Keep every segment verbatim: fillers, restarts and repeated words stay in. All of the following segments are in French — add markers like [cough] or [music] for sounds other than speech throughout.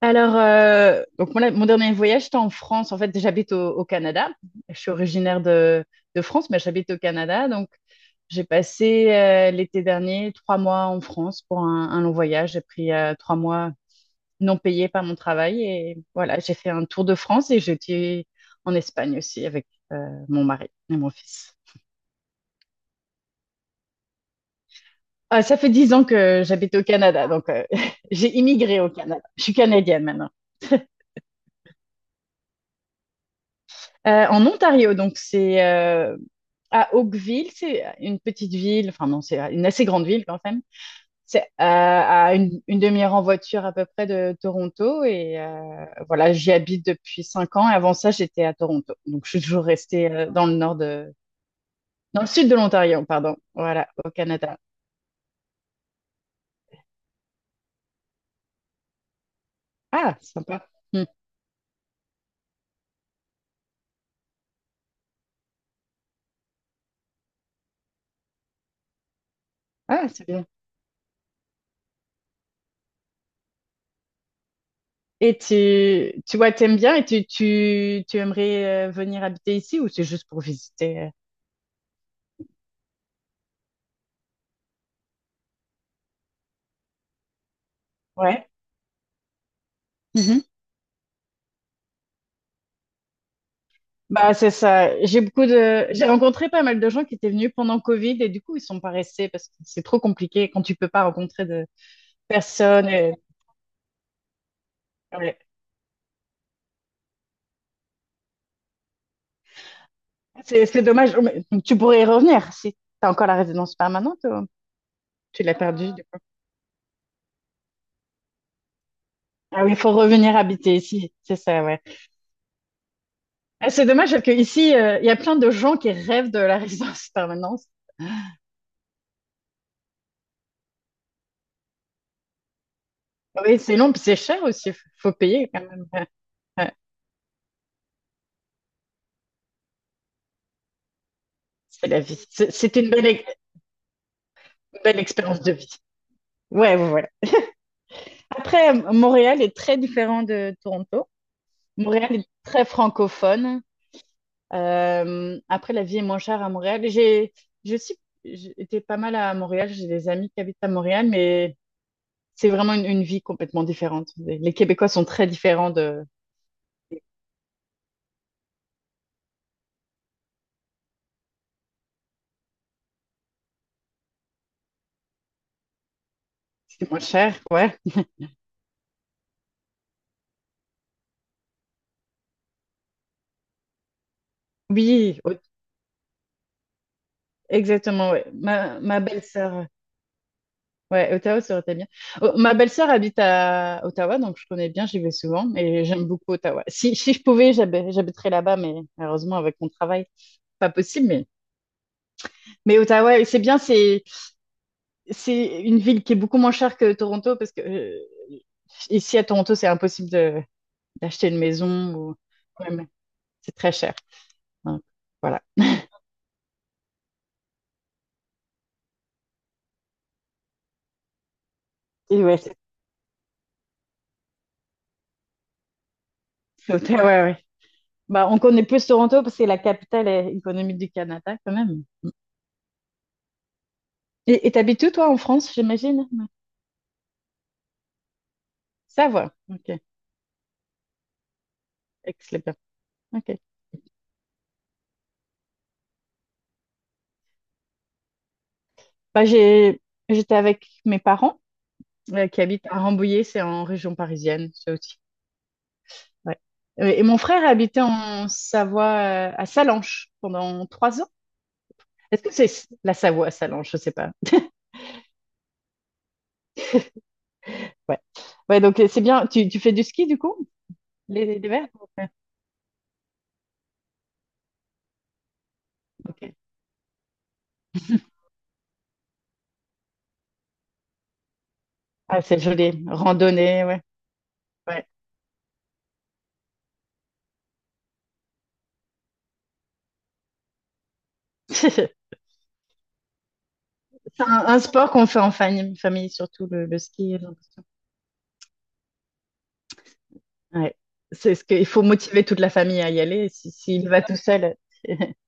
Alors, euh, donc mon, mon dernier voyage, c'était en France. En fait, j'habite au, au Canada. Je suis originaire de, de France, mais j'habite au Canada. Donc, j'ai passé euh, l'été dernier trois mois en France pour un, un long voyage. J'ai pris euh, trois mois non payés par mon travail. Et voilà, j'ai fait un tour de France et j'étais en Espagne aussi avec euh, mon mari et mon fils. Ah, ça fait dix ans que j'habite au Canada. Donc, euh, [laughs] j'ai immigré au Canada. Je suis canadienne maintenant. Euh, en Ontario, donc c'est euh, à Oakville, c'est une petite ville, enfin non, c'est une assez grande ville quand même. C'est euh, à une, une demi-heure en voiture à peu près de Toronto et euh, voilà, j'y habite depuis cinq ans. Et avant ça, j'étais à Toronto, donc je suis toujours restée euh, dans le nord de, dans le sud de l'Ontario, pardon, voilà, au Canada. Ah, sympa. Hmm. Ah, c'est bien. Et tu, tu vois, t'aimes bien et tu, tu, tu aimerais euh, venir habiter ici ou c'est juste pour visiter? euh Ouais. Bah, c'est ça. J'ai beaucoup de, j'ai rencontré pas mal de gens qui étaient venus pendant Covid et du coup, ils sont pas restés parce que c'est trop compliqué quand tu peux pas rencontrer de personnes. Et- ouais. C'est, c'est dommage. Mais tu pourrais y revenir si t'as encore la résidence permanente ou tu l'as perdue du coup. Ah oui, il faut revenir habiter ici. C'est ça, ouais. Ah, c'est dommage parce que ici, euh, il y a plein de gens qui rêvent de la [laughs] résidence permanente. Oui, c'est long, puis c'est cher aussi. Faut faut payer quand même. [laughs] Ouais, ouais. C'est la vie. C'est c'est une belle, belle expérience de vie. Ouais, ouais, ouais. Après, Montréal est très différent de Toronto. Montréal est très francophone. Euh, après, la vie est moins chère à Montréal. J'ai, j'ai aussi j'ai été pas mal à Montréal. J'ai des amis qui habitent à Montréal, mais c'est vraiment une, une vie complètement différente. Les les Québécois sont très différents de... C'est moins cher, ouais. Oui, au- exactement, ouais. Ma, ma belle-sœur. Ouais, Ottawa, ça aurait été bien. Oh, ma belle-sœur habite à Ottawa, donc je connais bien, j'y vais souvent et j'aime beaucoup Ottawa. Si, si je pouvais, j'hab- j'habiterais là-bas, mais malheureusement, avec mon travail, pas possible. Mais, mais Ottawa, oui, c'est bien, c'est, c'est une ville qui est beaucoup moins chère que Toronto parce que euh, ici à Toronto, c'est impossible de, d'acheter une maison ou ouais, mais c'est très cher. Donc, voilà. Et ouais, c'est- c'est Ottawa, ouais, ouais. Bah, on connaît plus Toronto parce que c'est la capitale euh, économique du Canada quand même. Et et t'habites où, toi, en France, j'imagine? Ça va. OK. Excellent. OK. Bah, j'ai, j'étais avec mes parents euh, qui habitent à Rambouillet, c'est en région parisienne, ça aussi. Ouais. Euh, Et mon frère habitait en Savoie, euh, à Salanches, pendant trois ans. Est-ce que c'est la Savoie à Salanches? Je sais pas. Ouais. Ouais, donc euh, c'est bien. Tu, tu fais du ski du coup? Les, les verts? Ouais. Ok. Ah, c'est joli. Randonnée, ouais. Ouais. [laughs] C'est un, un sport qu'on fait en fam- famille, surtout le, le ski, j'ai l'impression. Ouais. C'est ce que, il faut motiver toute la famille à y aller. Si, S'il va tout seul. [laughs]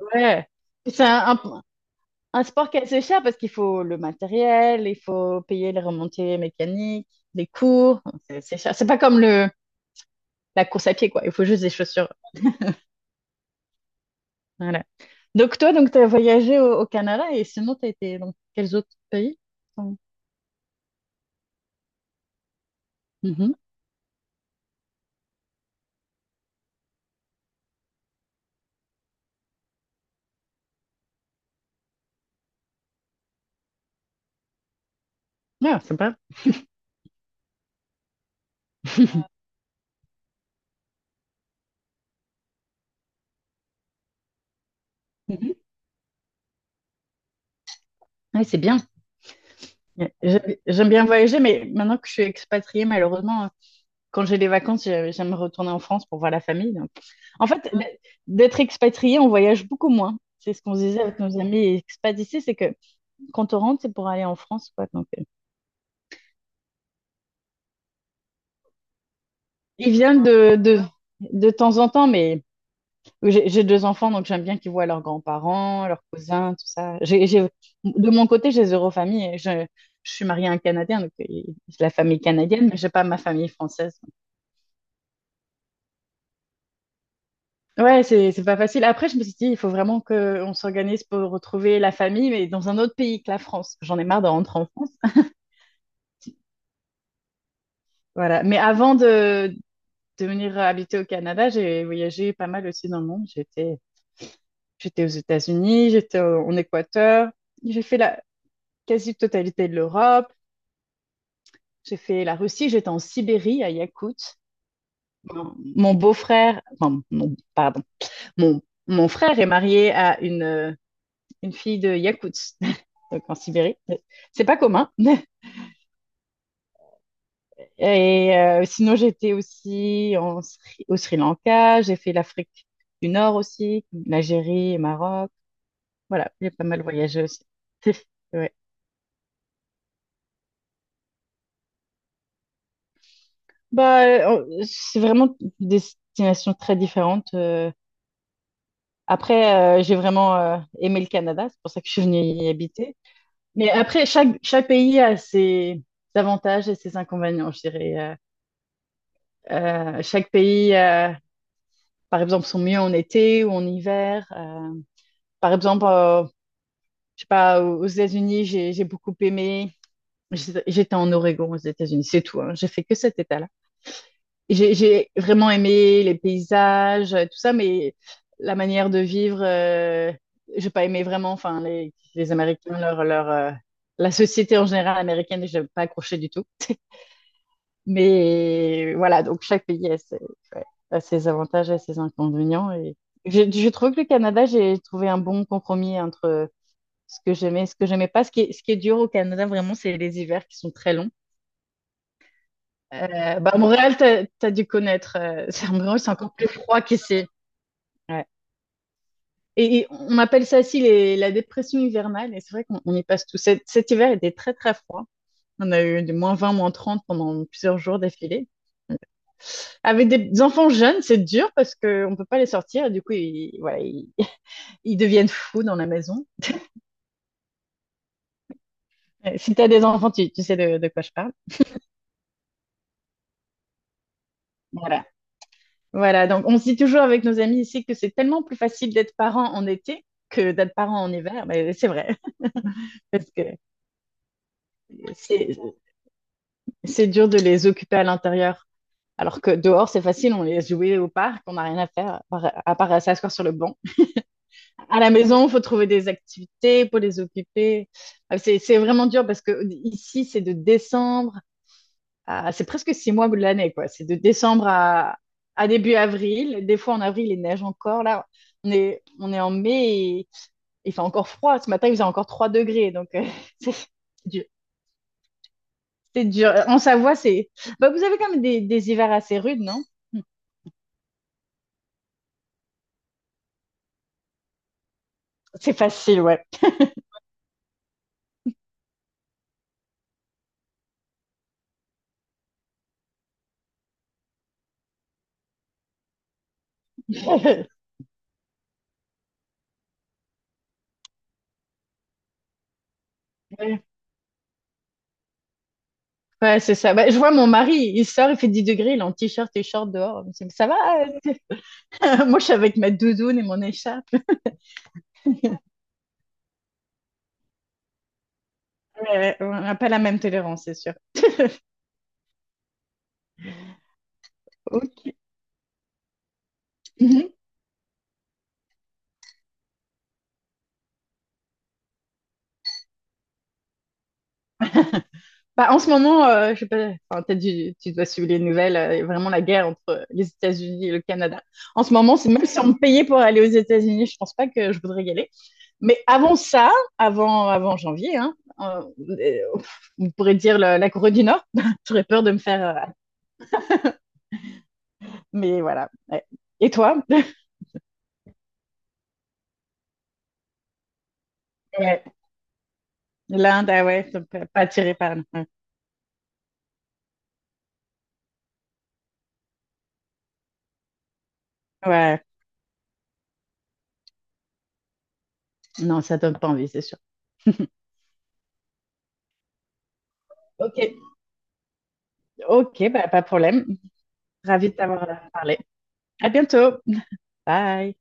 Ouais. C'est un, un- un sport qui est assez cher parce qu'il faut le matériel, il faut payer les remontées mécaniques, les cours. C'est c'est cher. C'est pas comme le, la course à pied, quoi. Il faut juste des chaussures. Voilà. Donc, toi, donc, tu as voyagé au, au Canada et sinon, tu as été dans quels autres pays? Mhm. Ouais, sympa. Mhm. Ouais, c'est bien. Ouais. J'aime j'aime bien voyager, mais maintenant que je suis expatriée, malheureusement, quand j'ai les vacances, j'ai- j'aime retourner en France pour voir la famille. Donc. En fait, d- d'être expatrié, on voyage beaucoup moins. C'est ce qu'on se disait avec nos amis expats ici, c'est que quand on rentre, c'est pour aller en France, quoi. Donc, euh, ils viennent de, de, de temps en temps, mais j'ai j'ai deux enfants, donc j'aime bien qu'ils voient leurs grands-parents, leurs cousins, tout ça. J'ai, j'ai- de mon côté, j'ai zéro famille. Je, je suis mariée à un Canadien, donc euh, j'ai la famille canadienne, mais j'ai pas ma famille française. Ouais, c'est c'est pas facile. Après, je me suis dit, il faut vraiment qu'on s'organise pour retrouver la famille, mais dans un autre pays que la France. J'en ai marre de rentrer en France. Voilà. Mais avant de, de venir habiter au Canada, j'ai voyagé pas mal aussi dans le monde. J'étais j'étais aux États-Unis, j'étais au- en Équateur, j'ai fait la quasi-totalité de l'Europe, j'ai fait la Russie, j'étais en Sibérie, à Yakoutsk. Mon, mon beau-frère, enfin, mon, pardon, mon, mon frère est marié à une une fille de Yakoutsk, [laughs] donc en Sibérie. C'est pas commun. [laughs] Et euh, sinon, j'étais aussi en Sri- au Sri Lanka, j'ai fait l'Afrique du Nord aussi, l'Algérie et Maroc. Voilà, j'ai pas mal voyagé aussi. [laughs] Ouais. Bah, euh, c'est vraiment des destinations très différentes. euh. Après, euh, j'ai vraiment euh, aimé le Canada, c'est pour ça que je suis venue y habiter. Mais après, chaque, chaque pays a ses avantages et ses inconvénients, je dirais. Euh, euh, Chaque pays par exemple, sont mieux en été ou en hiver. Euh, par exemple, euh, je sais pas, aux États-Unis, j'ai j'ai beaucoup aimé. J'étais j'étais en Oregon aux États-Unis, c'est tout, hein. J'ai fait que cet état-là. Et J'ai j'ai vraiment aimé les paysages, euh, tout ça, mais la manière de vivre, euh, j'ai pas aimé vraiment. Enfin, les, les Américains, leur, leur, euh, la société en général américaine, j'ai pas accroché du tout. Mais voilà, donc chaque pays a ses, ouais, a ses avantages et ses inconvénients. Et je, je trouve que le Canada, j'ai trouvé un bon compromis entre ce que j'aimais et ce que j'aimais pas. Ce qui est, ce qui est dur au Canada, vraiment, c'est les hivers qui sont très longs. Euh, bah, à Montréal, t'as, t'as dû connaître. Euh, c'est, à Montréal, c'est encore plus froid qu'ici. Ouais. Et, et on appelle ça aussi les- la dépression hivernale. Et c'est vrai qu'on on y passe tout. Cet, cet hiver était très, très froid. On a eu du moins vingt, moins trente pendant plusieurs jours d'affilée. Avec des enfants jeunes, c'est dur parce qu'on ne peut pas les sortir. Et du coup, ils, voilà, ils, [laughs] ils deviennent fous dans la maison. Euh, Si tu as des enfants, tu, tu sais de, de quoi je parle. Voilà. Voilà. Donc, on se dit toujours avec nos amis ici que c'est tellement plus facile d'être parent en été que d'être parent en hiver. Mais c'est vrai. [laughs] Parce que c'est, c'est dur de les occuper à l'intérieur. Alors que dehors, c'est facile. On les joue au parc. On n'a rien à faire à part, à part s'asseoir sur le banc. À la maison, il faut trouver des activités pour les occuper. Euh, C'est, c'est vraiment dur parce que ici, c'est de décembre à, c'est presque six mois de l'année, quoi. C'est de décembre à, à début avril. Des fois, en avril, il neige encore. Là, on est, on est en mai et il fait encore froid. Ce matin, il faisait encore trois degrés. Donc, euh, [laughs] c'est c'est dur. C'est dur. En Savoie, c'est. Bah, vous avez quand même des, des hivers assez rudes, non? C'est facile, ouais. [laughs] Ouais, c'est ça. Bah, je vois mon mari, il sort, il fait dix degrés, il est en t-shirt et short dehors. Je me dis, mais ça va? euh [laughs] Moi, je suis avec ma doudoune et mon écharpe. [laughs] Ouais, on n'a pas la même tolérance, c'est sûr. Ok. Mhm. Bah, en ce moment, euh, je sais pas, enfin, t'as dû- tu dois suivre les nouvelles, euh, il y a vraiment la guerre entre les États-Unis et le Canada. En ce moment, c'est même si on me payait pour aller aux États-Unis, je pense pas que je voudrais y aller. Mais avant ça, avant, avant janvier, hein, euh, euh, on pourrait dire la, la Corée du Nord, [laughs] j'aurais peur de me faire euh, Mais voilà. Ouais. Et toi? [laughs] Ouais. L'Inde, ah ouais, ça me fait pas attiré par l'Inde. Ouais. Non, ça donne pas envie, c'est sûr. Ok. Ok, bah, pas de problème. Ravie de t'avoir euh, parlé. À bientôt. Bye.